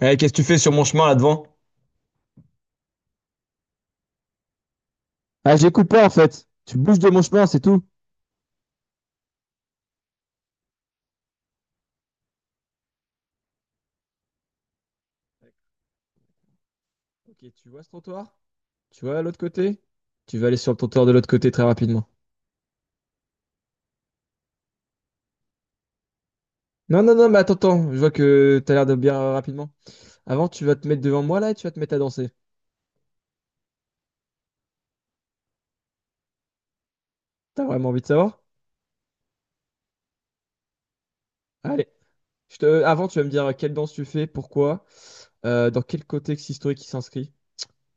Eh, qu'est-ce que tu fais sur mon chemin là devant? Ah, j'écoute pas en fait. Tu bouges de mon chemin, c'est tout. Ok, tu vois ce trottoir? Tu vois à l'autre côté? Tu vas aller sur le trottoir de l'autre côté très rapidement. Non, non, non, mais attends, je vois que t'as l'air de bien rapidement. Avant, tu vas te mettre devant moi là et tu vas te mettre à danser. T'as vraiment envie de savoir? Allez. Avant, tu vas me dire quelle danse tu fais, pourquoi, dans quel contexte historique il s'inscrit,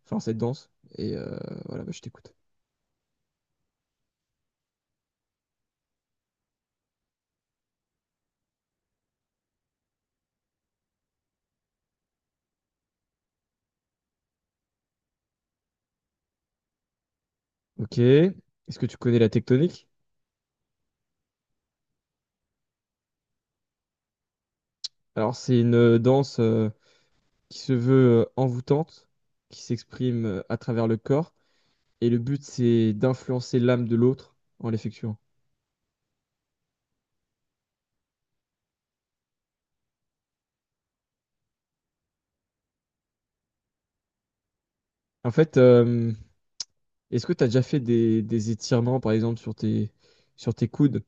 enfin cette danse. Et voilà, bah, je t'écoute. Ok. Est-ce que tu connais la tectonique? Alors, c'est une danse, qui se veut envoûtante, qui s'exprime à travers le corps. Et le but, c'est d'influencer l'âme de l'autre en l'effectuant. En fait, est-ce que tu as déjà fait des étirements, par exemple, sur tes coudes,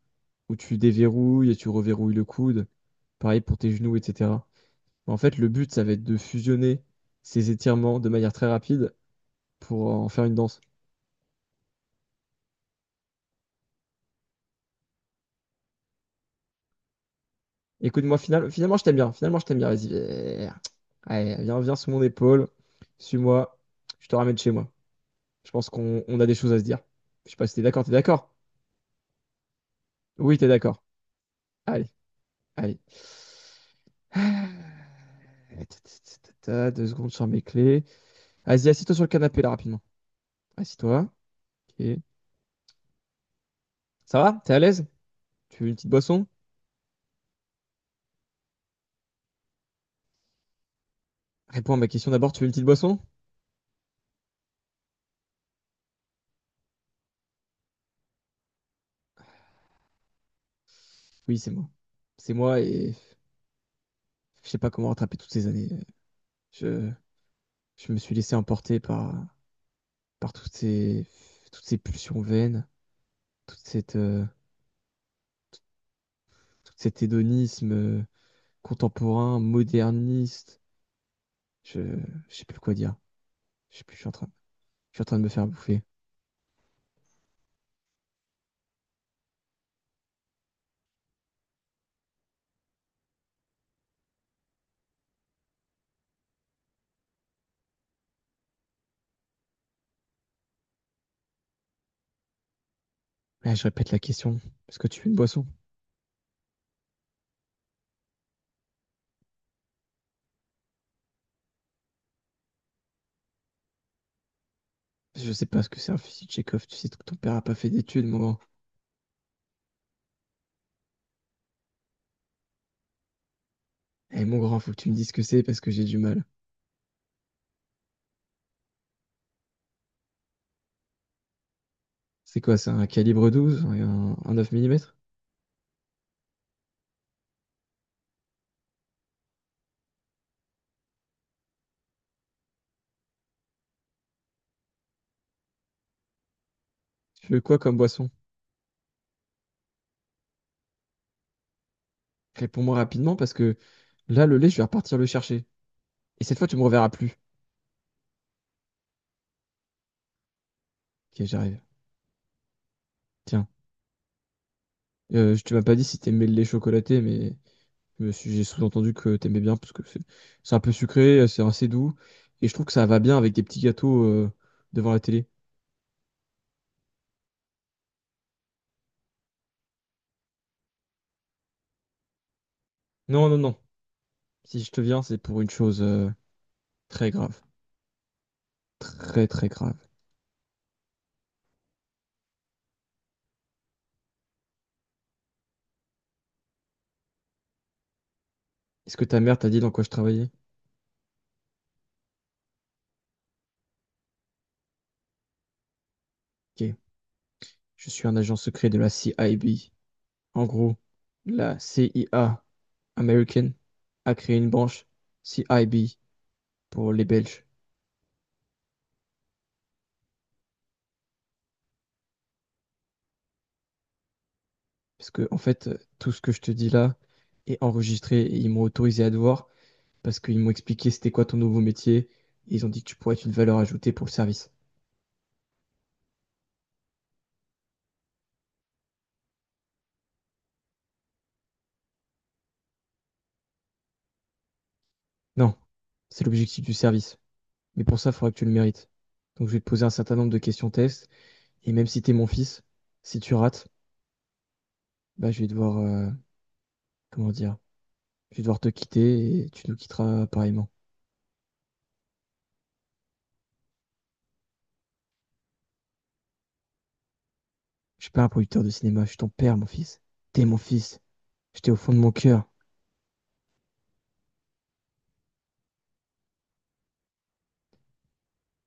où tu déverrouilles et tu reverrouilles le coude, pareil pour tes genoux, etc. En fait, le but, ça va être de fusionner ces étirements de manière très rapide pour en faire une danse. Écoute-moi, finalement, je t'aime bien. Finalement, je t'aime bien. Vas-y, viens, allez, viens, viens sur mon épaule. Suis-moi. Je te ramène chez moi. Je pense qu'on on a des choses à se dire. Je sais pas si t'es d'accord, t'es d'accord? Oui, t'es d'accord. Allez, allez. Ah, ta, ta, ta, ta, ta, 2 secondes sur mes clés. Vas-y, assis-toi sur le canapé là rapidement. Assis-toi. Ok. Ça va? T'es à l'aise? Tu veux une petite boisson? Réponds à ma question d'abord, tu veux une petite boisson? Oui, c'est moi. C'est moi et je sais pas comment rattraper toutes ces années. Je, je me suis laissé emporter par toutes ces pulsions vaines, toute cette, euh, tout cet hédonisme, contemporain, moderniste. Je, je sais plus quoi dire. Je sais plus, je suis en train de me faire bouffer. Là, je répète la question. Est-ce que tu veux une boisson? Je sais pas ce que c'est un fusil de Chekhov. Tu sais que ton père a pas fait d'études, mon grand. Eh, mon grand, faut que tu me dises ce que c'est parce que j'ai du mal. C'est quoi, c'est un calibre 12, un 9 millimètres. Tu veux quoi comme boisson? Réponds-moi rapidement parce que là, le lait, je vais repartir le chercher. Et cette fois, tu me reverras plus. Ok, j'arrive. Tiens, tu m'as pas dit si t'aimais le lait chocolaté, mais j'ai sous-entendu que t'aimais bien parce que c'est un peu sucré, c'est assez doux. Et je trouve que ça va bien avec des petits gâteaux devant la télé. Non, non, non. Si je te viens, c'est pour une chose très grave. Très, très grave. Est-ce que ta mère t'a dit dans quoi je travaillais? Ok. Je suis un agent secret de la CIB. En gros, la CIA américaine a créé une branche CIB pour les Belges. Parce que, en fait, tout ce que je te dis là est enregistré et ils m'ont autorisé à te voir parce qu'ils m'ont expliqué c'était quoi ton nouveau métier et ils ont dit que tu pourrais être une valeur ajoutée pour le service. Non, c'est l'objectif du service. Mais pour ça, il faudra que tu le mérites. Donc je vais te poser un certain nombre de questions tests et même si t'es mon fils, si tu rates, bah je vais devoir comment dire, je vais devoir te quitter et tu nous quitteras apparemment. Je suis pas un producteur de cinéma, je suis ton père, mon fils. T'es mon fils. J'étais au fond de mon cœur,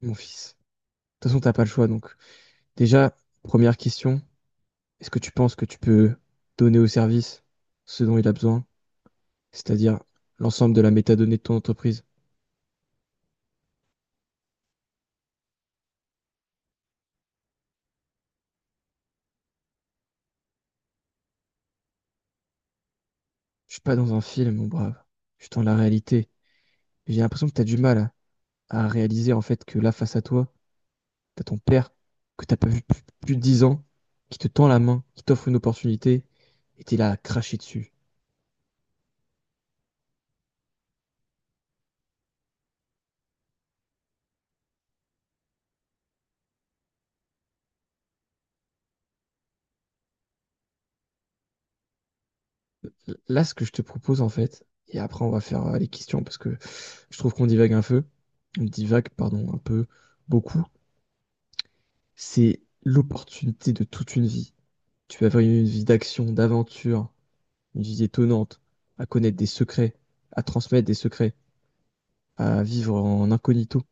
mon fils. De toute façon, t'as pas le choix donc. Déjà, première question, est-ce que tu penses que tu peux donner au service ce dont il a besoin, c'est-à-dire l'ensemble de la métadonnée de ton entreprise. Je suis pas dans un film, mon brave. Je suis dans la réalité. J'ai l'impression que tu as du mal à réaliser en fait que là, face à toi, tu as ton père que tu as pas vu depuis plus de 10 ans, qui te tend la main, qui t'offre une opportunité, et tu es là à cracher dessus. Là, ce que je te propose en fait, et après on va faire les questions parce que je trouve qu'on divague un peu, on divague, pardon, un peu beaucoup, c'est l'opportunité de toute une vie. Tu vas avoir une vie d'action, d'aventure, une vie étonnante, à connaître des secrets, à transmettre des secrets, à vivre en incognito.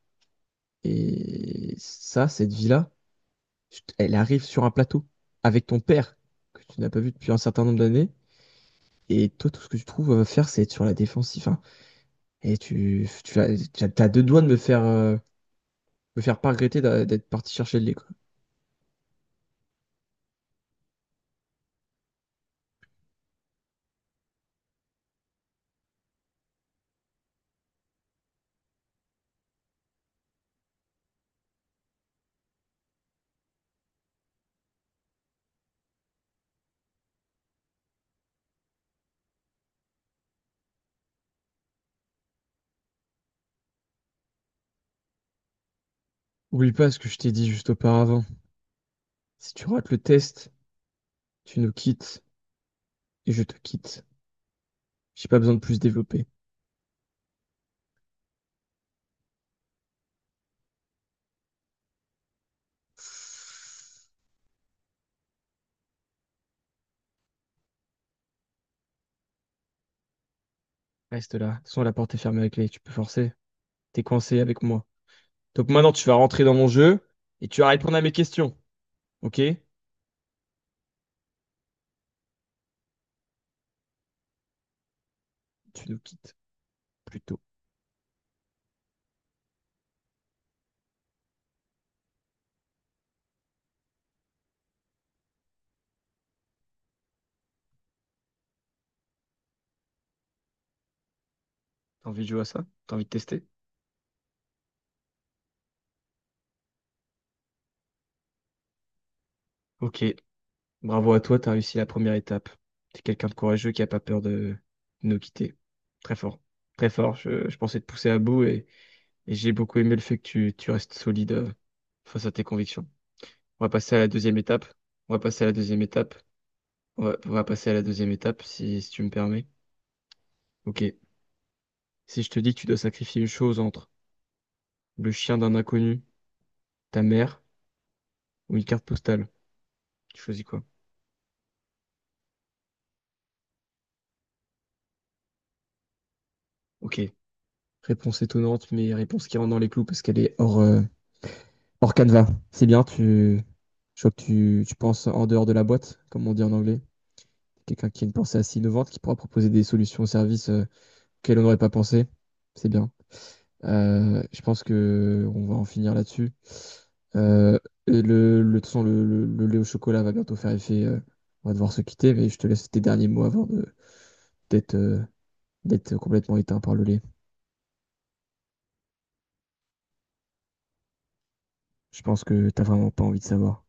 Et ça, cette vie-là, elle arrive sur un plateau avec ton père, que tu n'as pas vu depuis un certain nombre d'années. Et toi, tout ce que tu trouves à faire, c'est être sur la défensive, hein. Et t'as deux doigts de me faire pas regretter d'être parti chercher de l'école. Oublie pas ce que je t'ai dit juste auparavant. Si tu rates le test, tu nous quittes et je te quitte. J'ai pas besoin de plus développer. Reste là. De toute façon, la porte est fermée avec les. Tu peux forcer. T'es coincé avec moi. Donc maintenant, tu vas rentrer dans mon jeu et tu vas répondre à mes questions. Ok? Tu nous quittes plus tôt. T'as envie de jouer à ça? T'as envie de tester? Ok. Bravo à toi, t'as réussi la première étape. T'es quelqu'un de courageux qui a pas peur de nous quitter. Très fort. Très fort. Je pensais te pousser à bout et j'ai beaucoup aimé le fait que tu restes solide face à tes convictions. On va passer à la deuxième étape. On va passer à la deuxième étape. On va passer à la deuxième étape si tu me permets. Ok. Si je te dis que tu dois sacrifier une chose entre le chien d'un inconnu, ta mère ou une carte postale, tu choisis quoi? Ok. Réponse étonnante, mais réponse qui rentre dans les clous parce qu'elle est hors canevas. C'est bien. Je vois que tu penses en dehors de la boîte, comme on dit en anglais. Quelqu'un qui a une pensée assez innovante, qui pourra proposer des solutions au service auxquelles on n'aurait pas pensé. C'est bien. Je pense que on va en finir là-dessus. Euh, et de toute façon, le lait au chocolat va bientôt faire effet. On va devoir se quitter, mais je te laisse tes derniers mots avant d'être, euh, d'être complètement éteint par le lait. Je pense que t'as vraiment pas envie de savoir.